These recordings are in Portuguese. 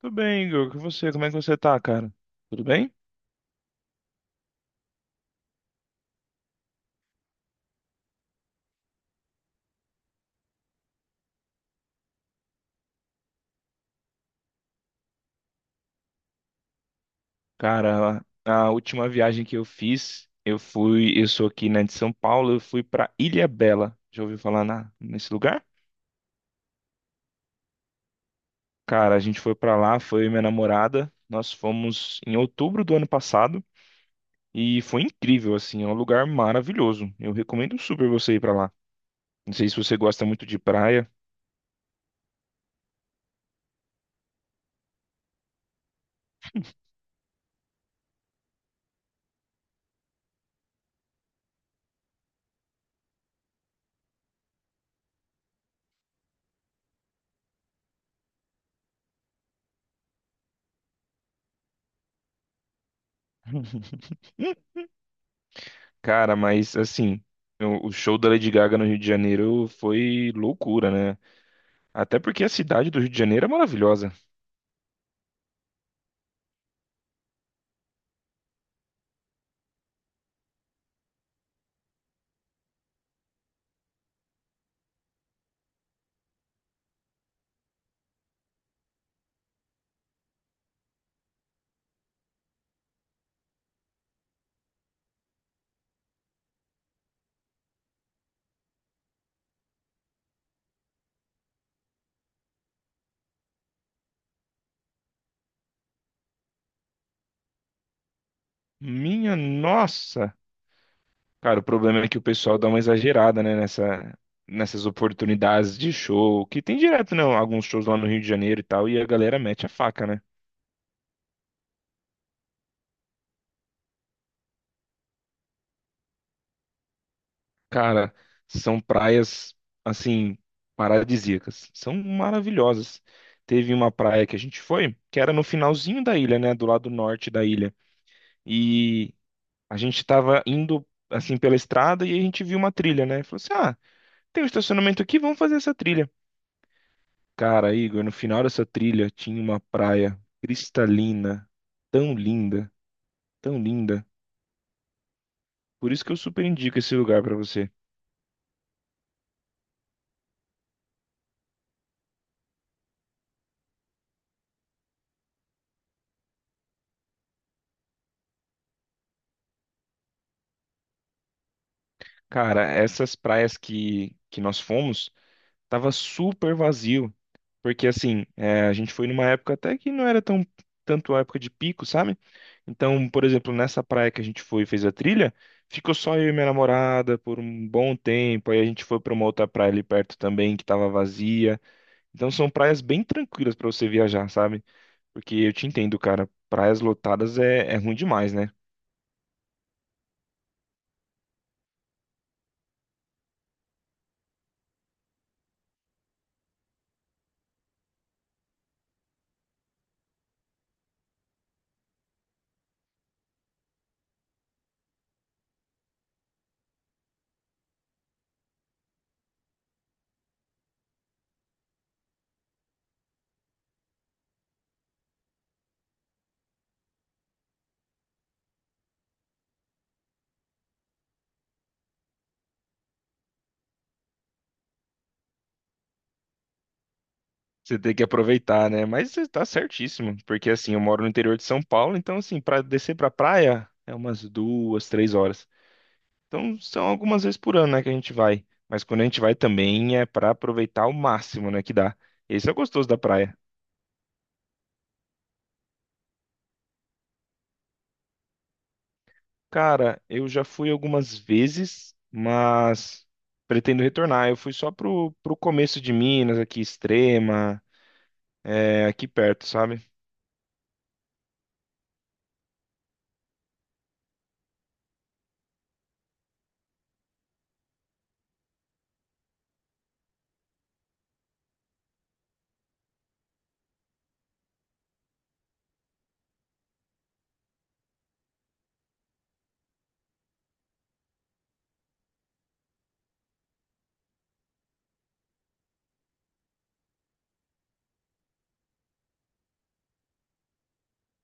Tudo bem, Igor? Com você? Como é que você tá, cara? Tudo bem? Cara, a última viagem que eu fiz, eu fui, eu sou aqui, né, de São Paulo, eu fui pra Ilha Bela. Já ouviu falar nesse lugar? Cara, a gente foi pra lá, foi eu e minha namorada. Nós fomos em outubro do ano passado e foi incrível, assim, é um lugar maravilhoso. Eu recomendo super você ir pra lá. Não sei se você gosta muito de praia. Cara, mas assim, o show da Lady Gaga no Rio de Janeiro foi loucura, né? Até porque a cidade do Rio de Janeiro é maravilhosa. Minha nossa! Cara, o problema é que o pessoal dá uma exagerada, né, nessas oportunidades de show, que tem direto, né, alguns shows lá no Rio de Janeiro e tal, e a galera mete a faca, né? Cara, são praias, assim, paradisíacas. São maravilhosas. Teve uma praia que a gente foi, que era no finalzinho da ilha, né, do lado norte da ilha. E a gente tava indo, assim, pela estrada e a gente viu uma trilha, né? Falou assim, ah, tem um estacionamento aqui, vamos fazer essa trilha. Cara, Igor, no final dessa trilha tinha uma praia cristalina, tão linda, tão linda. Por isso que eu super indico esse lugar pra você. Cara, essas praias que, nós fomos, tava super vazio. Porque assim, é, a gente foi numa época até que não era tão tanto a época de pico, sabe? Então, por exemplo, nessa praia que a gente foi e fez a trilha, ficou só eu e minha namorada por um bom tempo. Aí a gente foi pra uma outra praia ali perto também que tava vazia. Então são praias bem tranquilas pra você viajar, sabe? Porque eu te entendo, cara. Praias lotadas é, é ruim demais, né? Você tem que aproveitar, né? Mas você tá certíssimo, porque assim, eu moro no interior de São Paulo, então assim, pra descer pra praia é umas duas, três horas. Então são algumas vezes por ano, né, que a gente vai. Mas quando a gente vai também é pra aproveitar o máximo, né, que dá. Esse é o gostoso da praia. Cara, eu já fui algumas vezes, mas pretendo retornar. Eu fui só pro, pro começo de Minas, aqui, Extrema. É, aqui perto, sabe?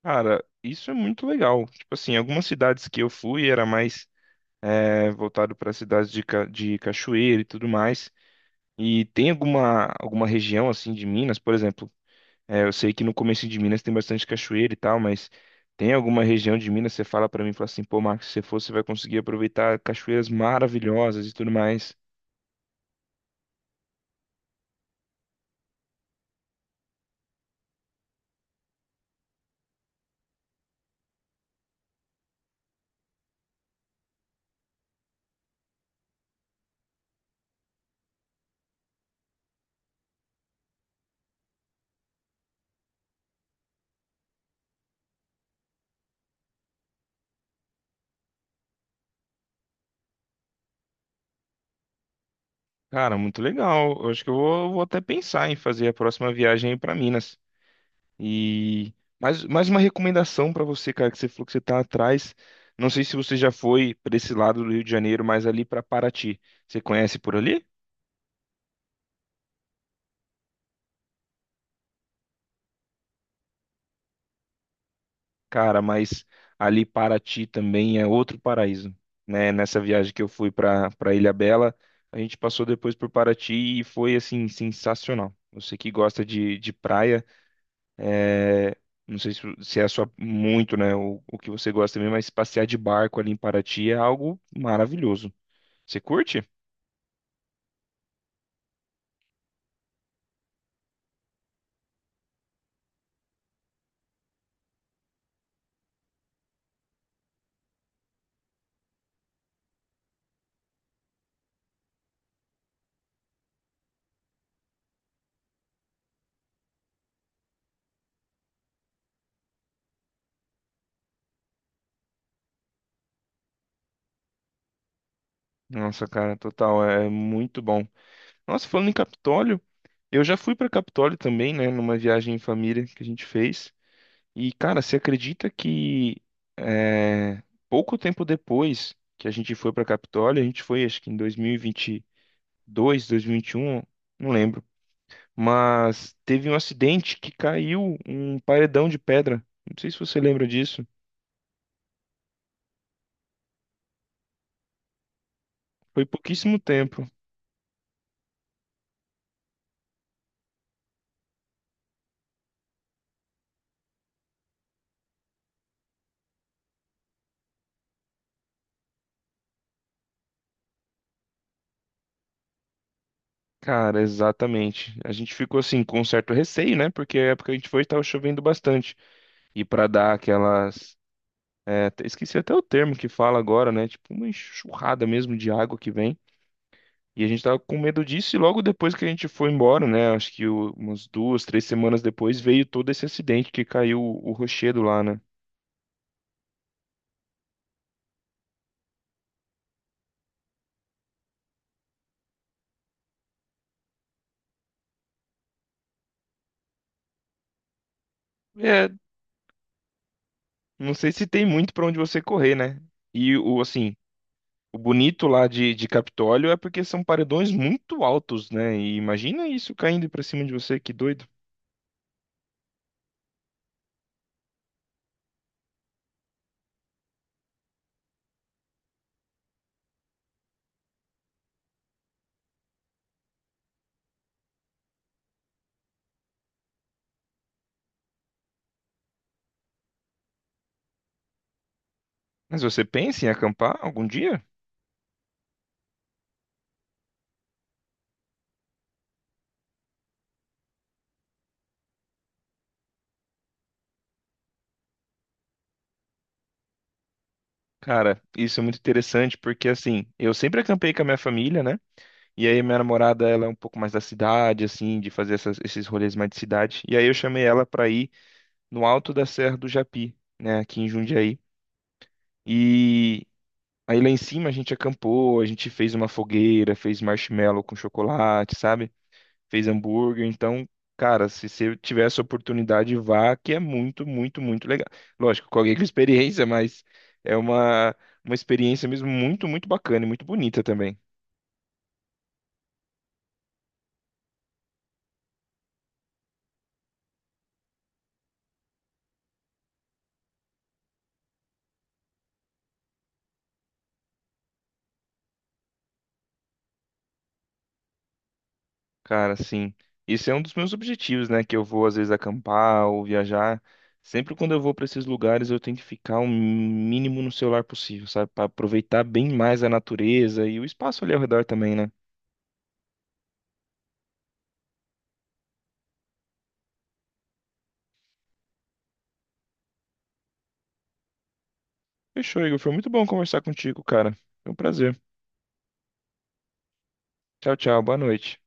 Cara, isso é muito legal. Tipo assim, algumas cidades que eu fui era mais é, voltado para cidades de, de cachoeira e tudo mais. E tem alguma, alguma região assim de Minas, por exemplo, é, eu sei que no começo de Minas tem bastante cachoeira e tal, mas tem alguma região de Minas que você fala para mim, fala assim, pô, Marcos, se você for, você vai conseguir aproveitar cachoeiras maravilhosas e tudo mais. Cara, muito legal. Eu acho que eu vou, vou até pensar em fazer a próxima viagem para Minas. E mais, mais uma recomendação pra você, cara, que você falou que você tá atrás. Não sei se você já foi pra esse lado do Rio de Janeiro, mas ali pra Paraty. Você conhece por ali? Cara, mas ali Paraty também é outro paraíso, né? Nessa viagem que eu fui pra para Ilhabela, a gente passou depois por Paraty e foi assim sensacional. Você que gosta de praia, é, não sei se, se é a sua muito, né? O que você gosta mesmo, mas passear de barco ali em Paraty é algo maravilhoso. Você curte? Nossa, cara, total, é é muito bom. Nossa, falando em Capitólio, eu já fui pra Capitólio também, né, numa viagem em família que a gente fez. E, cara, você acredita que é, pouco tempo depois que a gente foi pra Capitólio, a gente foi, acho que em 2022, 2021, não lembro. Mas teve um acidente que caiu um paredão de pedra. Não sei se você lembra disso. Foi pouquíssimo tempo. Cara, exatamente. A gente ficou assim com um certo receio, né? Porque a época que a gente foi estava chovendo bastante. E para dar aquelas, é, esqueci até o termo que fala agora, né? Tipo uma enxurrada mesmo de água que vem. E a gente tava com medo disso e logo depois que a gente foi embora, né? Acho que umas duas, três semanas depois veio todo esse acidente que caiu o rochedo lá, né? É, não sei se tem muito para onde você correr, né? E o assim, o bonito lá de Capitólio é porque são paredões muito altos, né? E imagina isso caindo pra cima de você, que doido. Mas você pensa em acampar algum dia? Cara, isso é muito interessante porque assim, eu sempre acampei com a minha família, né? E aí minha namorada, ela é um pouco mais da cidade, assim, de fazer esses rolês mais de cidade. E aí eu chamei ela pra ir no alto da Serra do Japi, né? Aqui em Jundiaí. E aí lá em cima a gente acampou, a gente fez uma fogueira, fez marshmallow com chocolate, sabe? Fez hambúrguer. Então, cara, se você tiver essa oportunidade, vá, que é muito, muito, muito legal. Lógico, com alguém com experiência, mas é uma experiência mesmo muito, muito bacana e muito bonita também. Cara, sim. Isso é um dos meus objetivos, né? Que eu vou às vezes acampar ou viajar. Sempre quando eu vou para esses lugares, eu tento ficar o mínimo no celular possível, sabe? Para aproveitar bem mais a natureza e o espaço ali ao redor também, né? Fechou, Igor. Foi muito bom conversar contigo, cara. Foi um prazer. Tchau, tchau. Boa noite.